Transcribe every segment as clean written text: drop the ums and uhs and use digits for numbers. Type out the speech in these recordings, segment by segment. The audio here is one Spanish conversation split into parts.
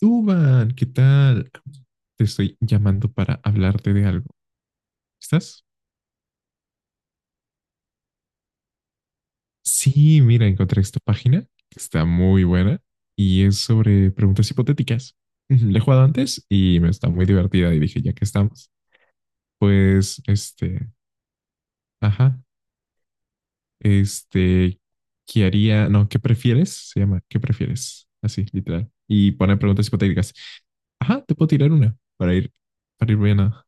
Duban, ¿qué tal? Te estoy llamando para hablarte de algo. ¿Estás? Sí, mira, encontré esta página. Está muy buena y es sobre preguntas hipotéticas. Ujú, la he jugado antes y me está muy divertida y dije, ya que estamos, pues, ajá, este, ¿qué haría? No, ¿qué prefieres? Se llama, ¿qué prefieres? Así, literal. Y pone preguntas hipotéticas. Ajá, te puedo tirar una para para ir bien a...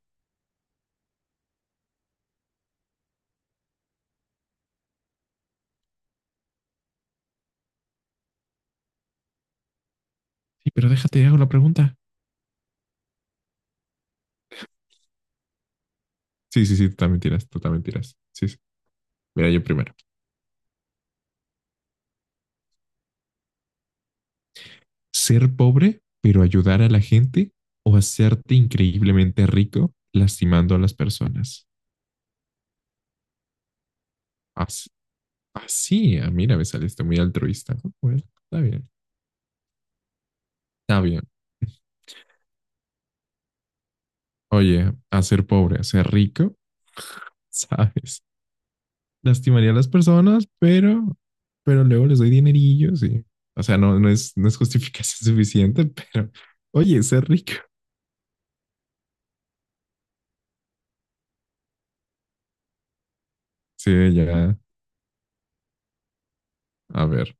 Sí, pero déjate, hago la pregunta. Sí, sí, sí, totalmente totalmente tiras. Sí, sí. Mira, yo primero. Ser pobre, pero ayudar a la gente o hacerte increíblemente rico lastimando a las personas. Así, así mira, me saliste muy altruista. Ah, bueno, está bien, está bien. Oye, hacer pobre, hacer rico, ¿sabes? Lastimaría a las personas, pero luego les doy dinerillos o sea, no es justificación suficiente, pero, oye, ser rico. Sí, ya, a ver.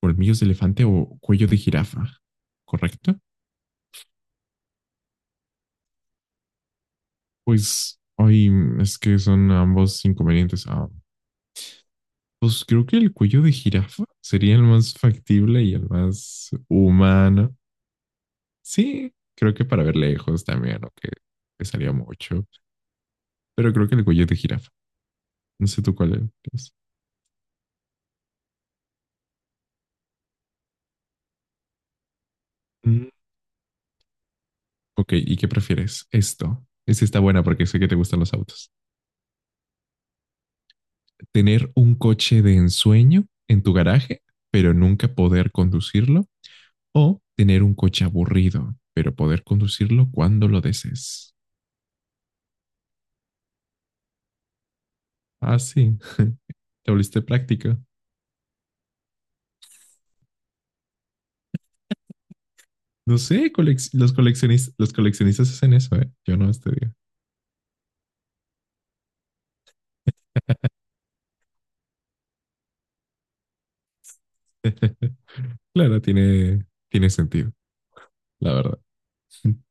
Colmillos de elefante o cuello de jirafa, ¿correcto? Pues, ay, es que son ambos inconvenientes. Ah, pues creo que el cuello de jirafa sería el más factible y el más humano. Sí, creo que para ver lejos también, aunque pesaría mucho, pero creo que el cuello de jirafa. No sé tú cuál es. Mm, ok, ¿y qué prefieres? Esto. Esta está buena porque sé que te gustan los autos. ¿Tener un coche de ensueño en tu garaje, pero nunca poder conducirlo? O tener un coche aburrido, pero poder conducirlo cuando lo desees. Ah, sí, te volviste práctico. No sé, coleccionistas los coleccionistas hacen eso, ¿eh? Yo no este día. Claro, tiene sentido, la verdad. Un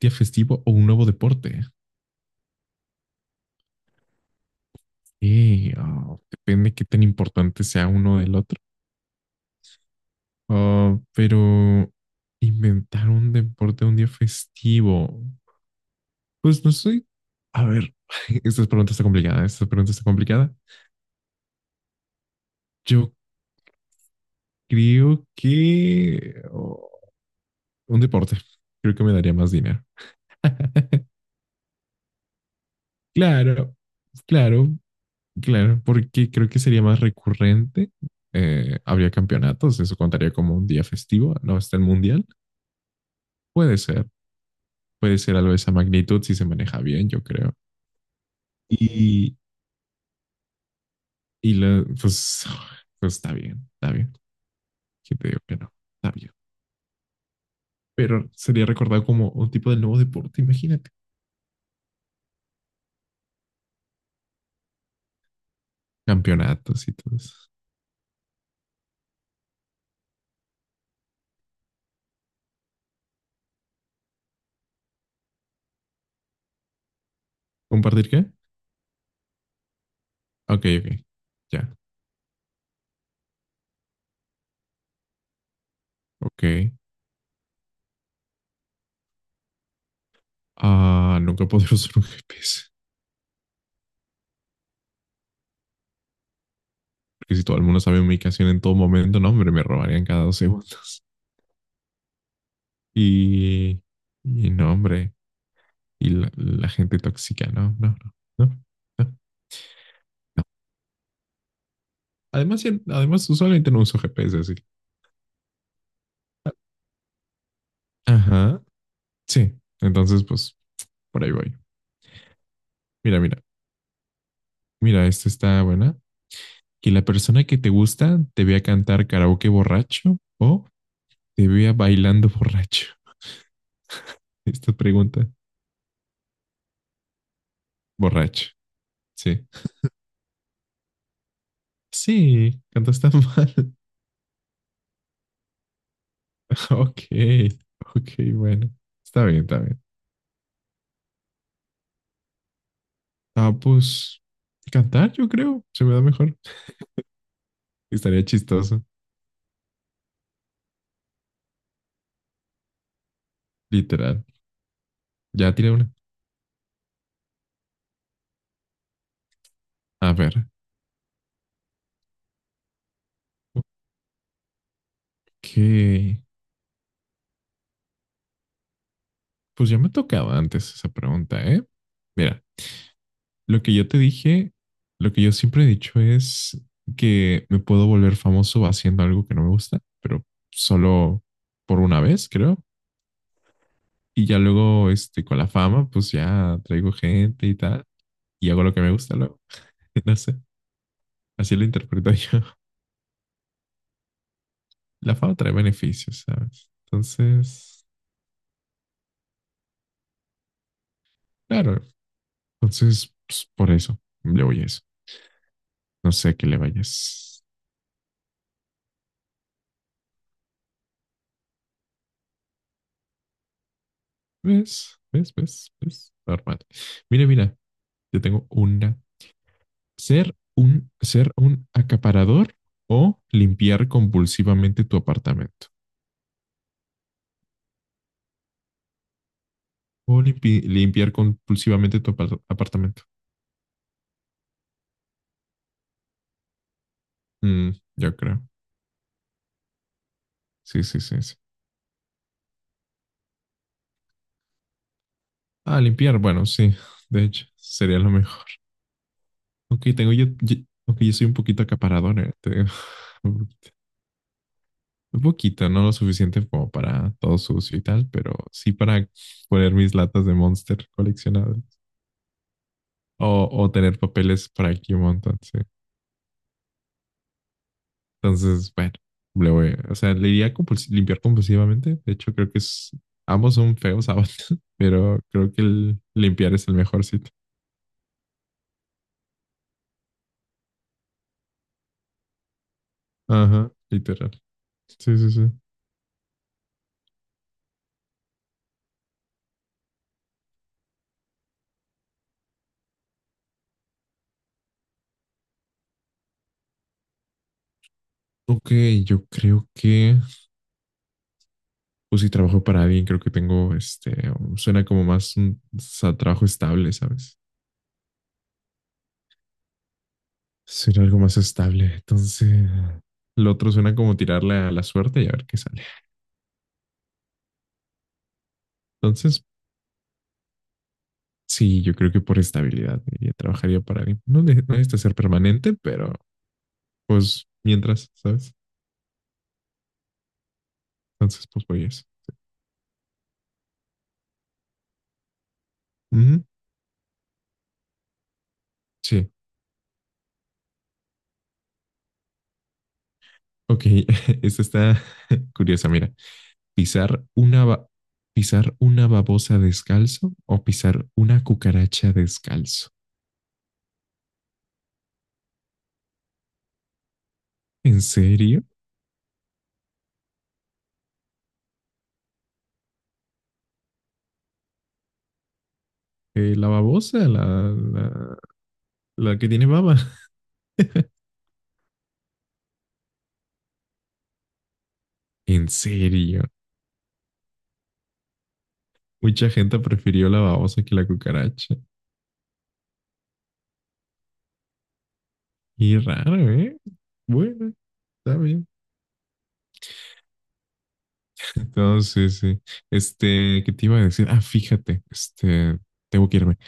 día festivo o un nuevo deporte. Oh, depende qué tan importante sea uno del otro. Oh, pero inventar un deporte un día festivo. Pues no soy. A ver, esta pregunta está complicada. Esta pregunta está complicada. Yo Creo que un deporte. Creo que me daría más dinero. Claro, claro, claro, porque creo que sería más recurrente. Habría campeonatos, eso contaría como un día festivo, ¿no? Está el mundial. Puede ser, puede ser algo de esa magnitud si se maneja bien, yo creo. Y, pues, pues está bien, está bien. ¿Qué te digo que no? Está bien. Pero sería recordado como un tipo de nuevo deporte, imagínate. Campeonatos y todo eso. ¿Compartir qué? Ok, ok. Ya, ok. Ah, nunca podré usar un GPS. Porque si todo el mundo sabe mi ubicación en todo momento, no, hombre, me robarían cada dos segundos. Y, y no, hombre. Y la gente tóxica, no, no, no, no, no, no. Además, usualmente no uso GPS así. Ajá, sí. Entonces, pues, por ahí voy. Mira, mira, mira, esta está buena. Que la persona que te gusta te vea cantar karaoke borracho o te vea bailando borracho. Esta pregunta. Borracho, sí. Sí, cantaste mal. Ok, ok, bueno. Está bien, está bien. Ah, pues cantar, yo creo. Se me da mejor. Estaría chistoso, literal. Ya tiré una. A ver. Ok. Pues ya me tocaba antes esa pregunta, ¿eh? Mira, lo que yo te dije, lo que yo siempre he dicho es que me puedo volver famoso haciendo algo que no me gusta, pero solo por una vez, creo. Y ya luego, con la fama, pues ya traigo gente y tal, y hago lo que me gusta luego. No sé, así lo interpreto yo. La fama trae beneficios, ¿sabes? Entonces, claro, entonces, pues, por eso le voy a eso. No sé a qué le vayas. ¿Ves? ¿Ves? ¿Ves? ¿Ves? Normal. Mira, mira, yo tengo una. Ser un acaparador o limpiar compulsivamente tu apartamento. O limpiar compulsivamente tu apartamento. Mm, yo creo. Sí, sí, sí, sí. Ah, limpiar, bueno, sí. De hecho, sería lo mejor. Ok, ok, yo soy un poquito acaparador, te digo. Un poquito, no lo suficiente como para todo sucio y tal, pero sí para poner mis latas de Monster coleccionadas o tener papeles por aquí un montón, sí. Entonces, bueno, le voy, o sea, le iría a limpiar compulsivamente. De hecho, creo que es, ambos son feos, ambos, pero creo que el limpiar es el mejor sitio. Ajá, literal. Sí, sí, sí. Ok, yo creo que, pues si trabajo para alguien, creo que tengo, suena como más un trabajo estable, ¿sabes? Suena algo más estable. Entonces, lo otro suena como tirarle a la suerte y a ver qué sale. Entonces, sí, yo creo que por estabilidad diría, trabajaría para alguien. No necesita ser permanente, pero pues mientras, ¿sabes? Entonces, pues voy a eso. Ujú, sí, ok, esta está curiosa, mira. ¿Pisar una, ¿pisar una babosa descalzo o pisar una cucaracha descalzo? ¿En serio? La babosa, la, la que tiene baba. ¿En serio? Mucha gente prefirió la babosa que la cucaracha. Y raro, ¿eh? Bueno, está bien. Entonces, sí. Este, ¿qué te iba a decir? Ah, fíjate, este, tengo que irme.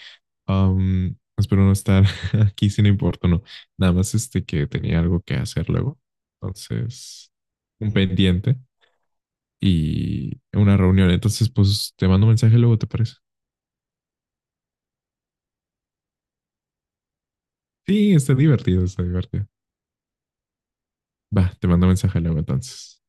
Am, espero no estar aquí sin importuno. Nada más este que tenía algo que hacer luego. Entonces, un pendiente y una reunión. Entonces, pues te mando un mensaje luego, ¿te parece? Sí, está divertido, está divertido. Va, te mando un mensaje luego entonces.